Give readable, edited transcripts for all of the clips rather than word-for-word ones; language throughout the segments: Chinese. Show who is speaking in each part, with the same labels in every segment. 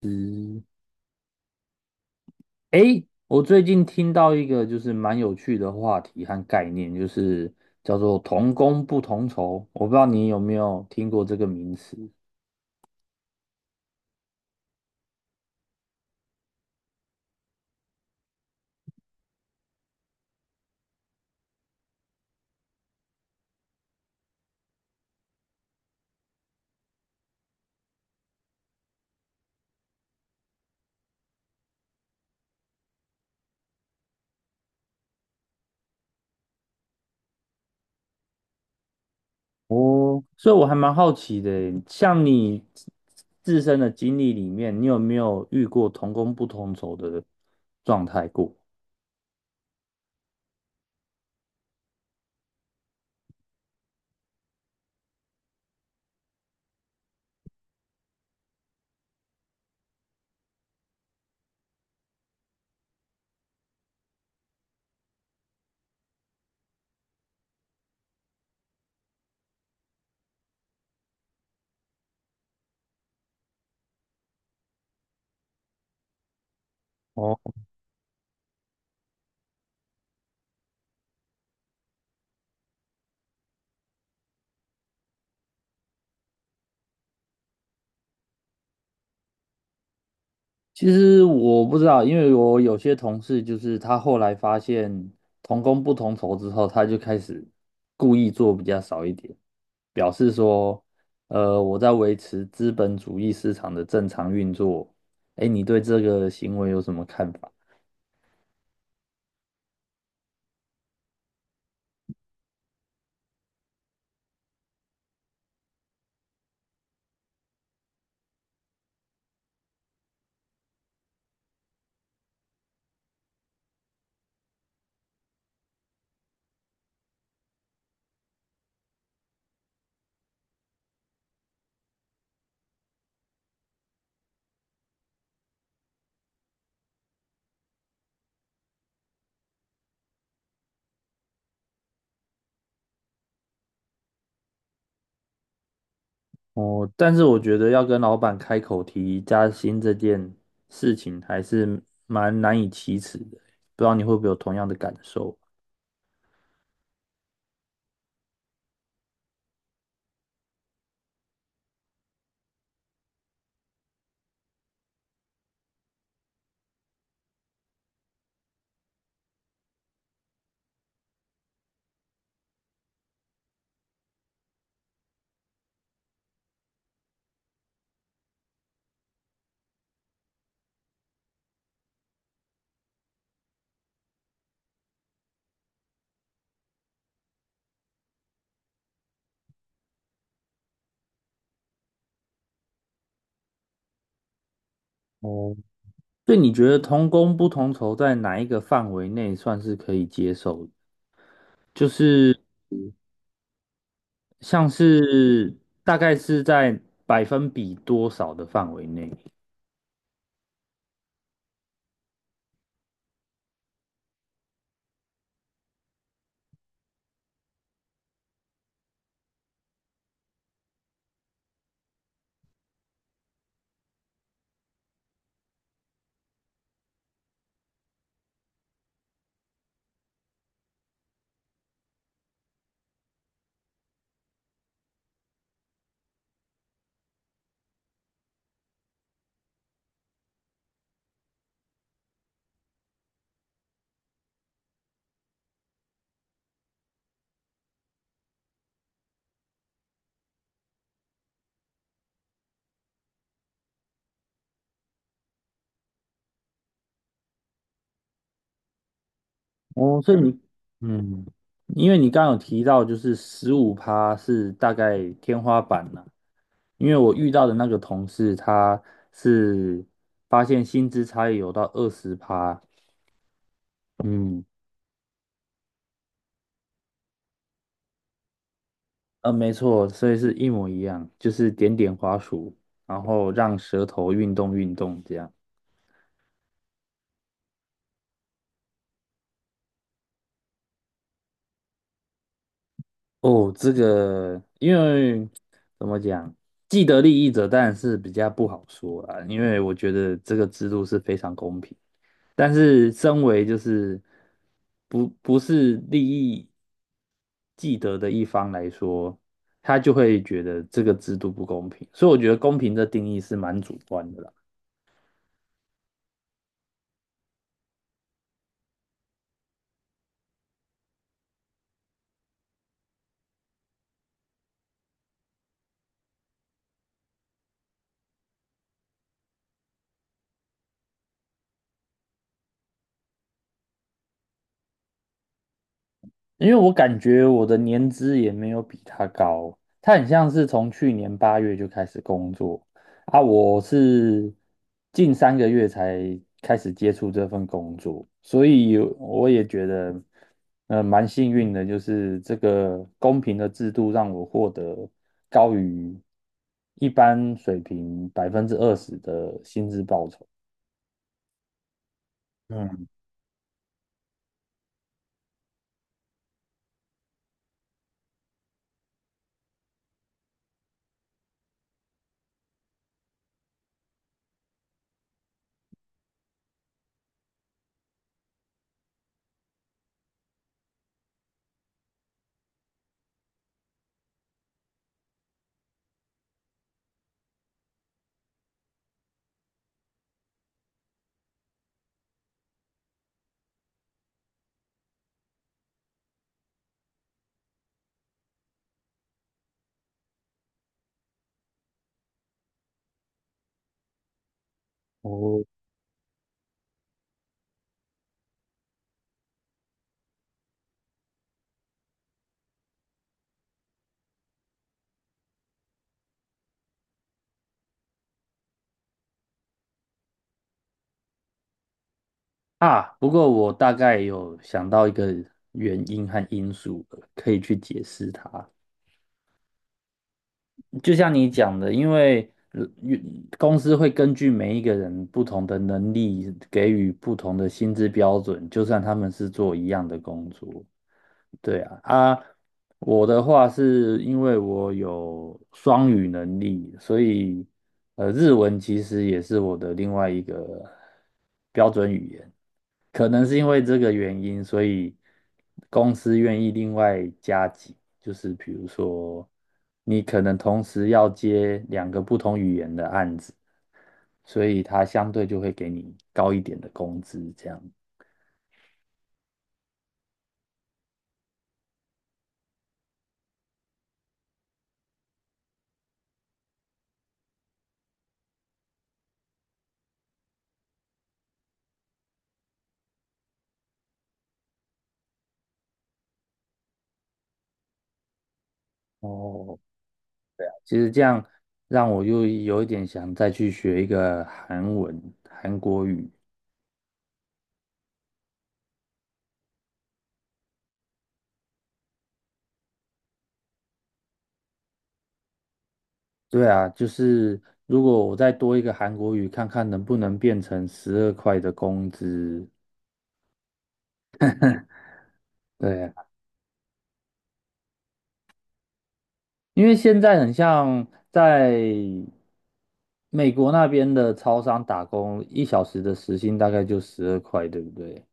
Speaker 1: 嗯，诶，我最近听到一个就是蛮有趣的话题和概念，就是叫做“同工不同酬”。我不知道你有没有听过这个名词？哦，所以我还蛮好奇的耶，像你自身的经历里面，你有没有遇过同工不同酬的状态过？哦，其实我不知道，因为我有些同事就是他后来发现同工不同酬之后，他就开始故意做比较少一点。表示说，我在维持资本主义市场的正常运作。哎，你对这个行为有什么看法？哦，但是我觉得要跟老板开口提加薪这件事情，还是蛮难以启齿的。不知道你会不会有同样的感受？哦，对，你觉得同工不同酬在哪一个范围内算是可以接受的？就是，像是，大概是在百分比多少的范围内？哦，所以你 嗯，因为你刚刚有提到，就是15%是大概天花板了。因为我遇到的那个同事，他是发现薪资差异有到20%。嗯，没错，所以是一模一样，就是点点滑鼠，然后让舌头运动运动这样。哦，这个因为怎么讲，既得利益者当然是比较不好说啦，因为我觉得这个制度是非常公平。但是身为就是不是利益既得的一方来说，他就会觉得这个制度不公平，所以我觉得公平的定义是蛮主观的啦。因为我感觉我的年资也没有比他高，他很像是从去年8月就开始工作啊，我是近3个月才开始接触这份工作，所以我也觉得，蛮幸运的，就是这个公平的制度让我获得高于一般水平20%的薪资报酬。嗯，我。啊，不过我大概有想到一个原因和因素了，可以去解释它。就像你讲的，因为公司会根据每一个人不同的能力，给予不同的薪资标准，就算他们是做一样的工作。对啊，啊，我的话是因为我有双语能力，所以日文其实也是我的另外一个标准语言。可能是因为这个原因，所以公司愿意另外加急。就是比如说你可能同时要接两个不同语言的案子，所以它相对就会给你高一点的工资，这样。哦，其实这样让我又有一点想再去学一个韩文、韩国语。对啊，就是如果我再多一个韩国语，看看能不能变成十二块的工资。对啊，因为现在很像在美国那边的超商打工，一小时的时薪大概就十二块，对不对？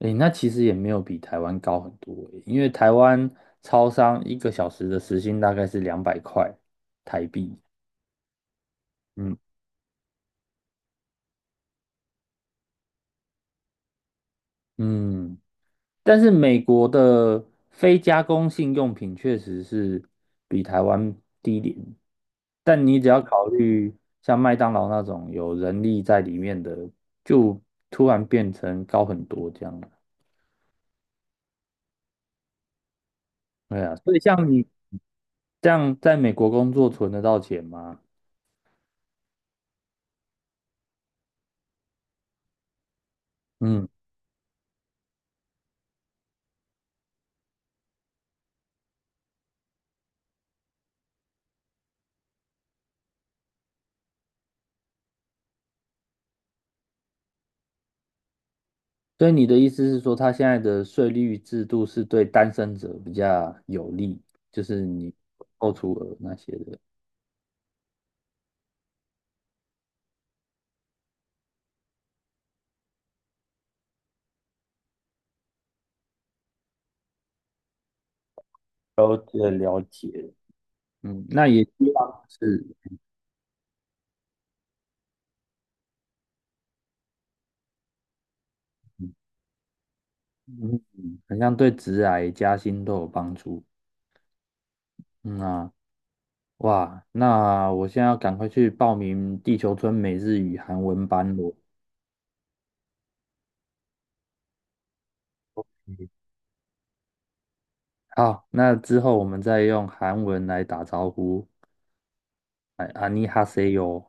Speaker 1: 诶，那其实也没有比台湾高很多诶，因为台湾超商一个小时的时薪大概是200块台币。嗯。嗯，但是美国的非加工性用品确实是比台湾低廉，但你只要考虑像麦当劳那种有人力在里面的，就突然变成高很多这样了。对啊，所以像你这样在美国工作存得到钱吗？嗯，所以你的意思是说，他现在的税率制度是对单身者比较有利，就是你扣除额那些的。了解了解。嗯，那也希望是，嗯。嗯，好像对职涯加薪都有帮助。嗯啊，哇，那我现在要赶快去报名地球村美日语韩文班了。好，那之后我们再用韩文来打招呼。哎，안녕하세요。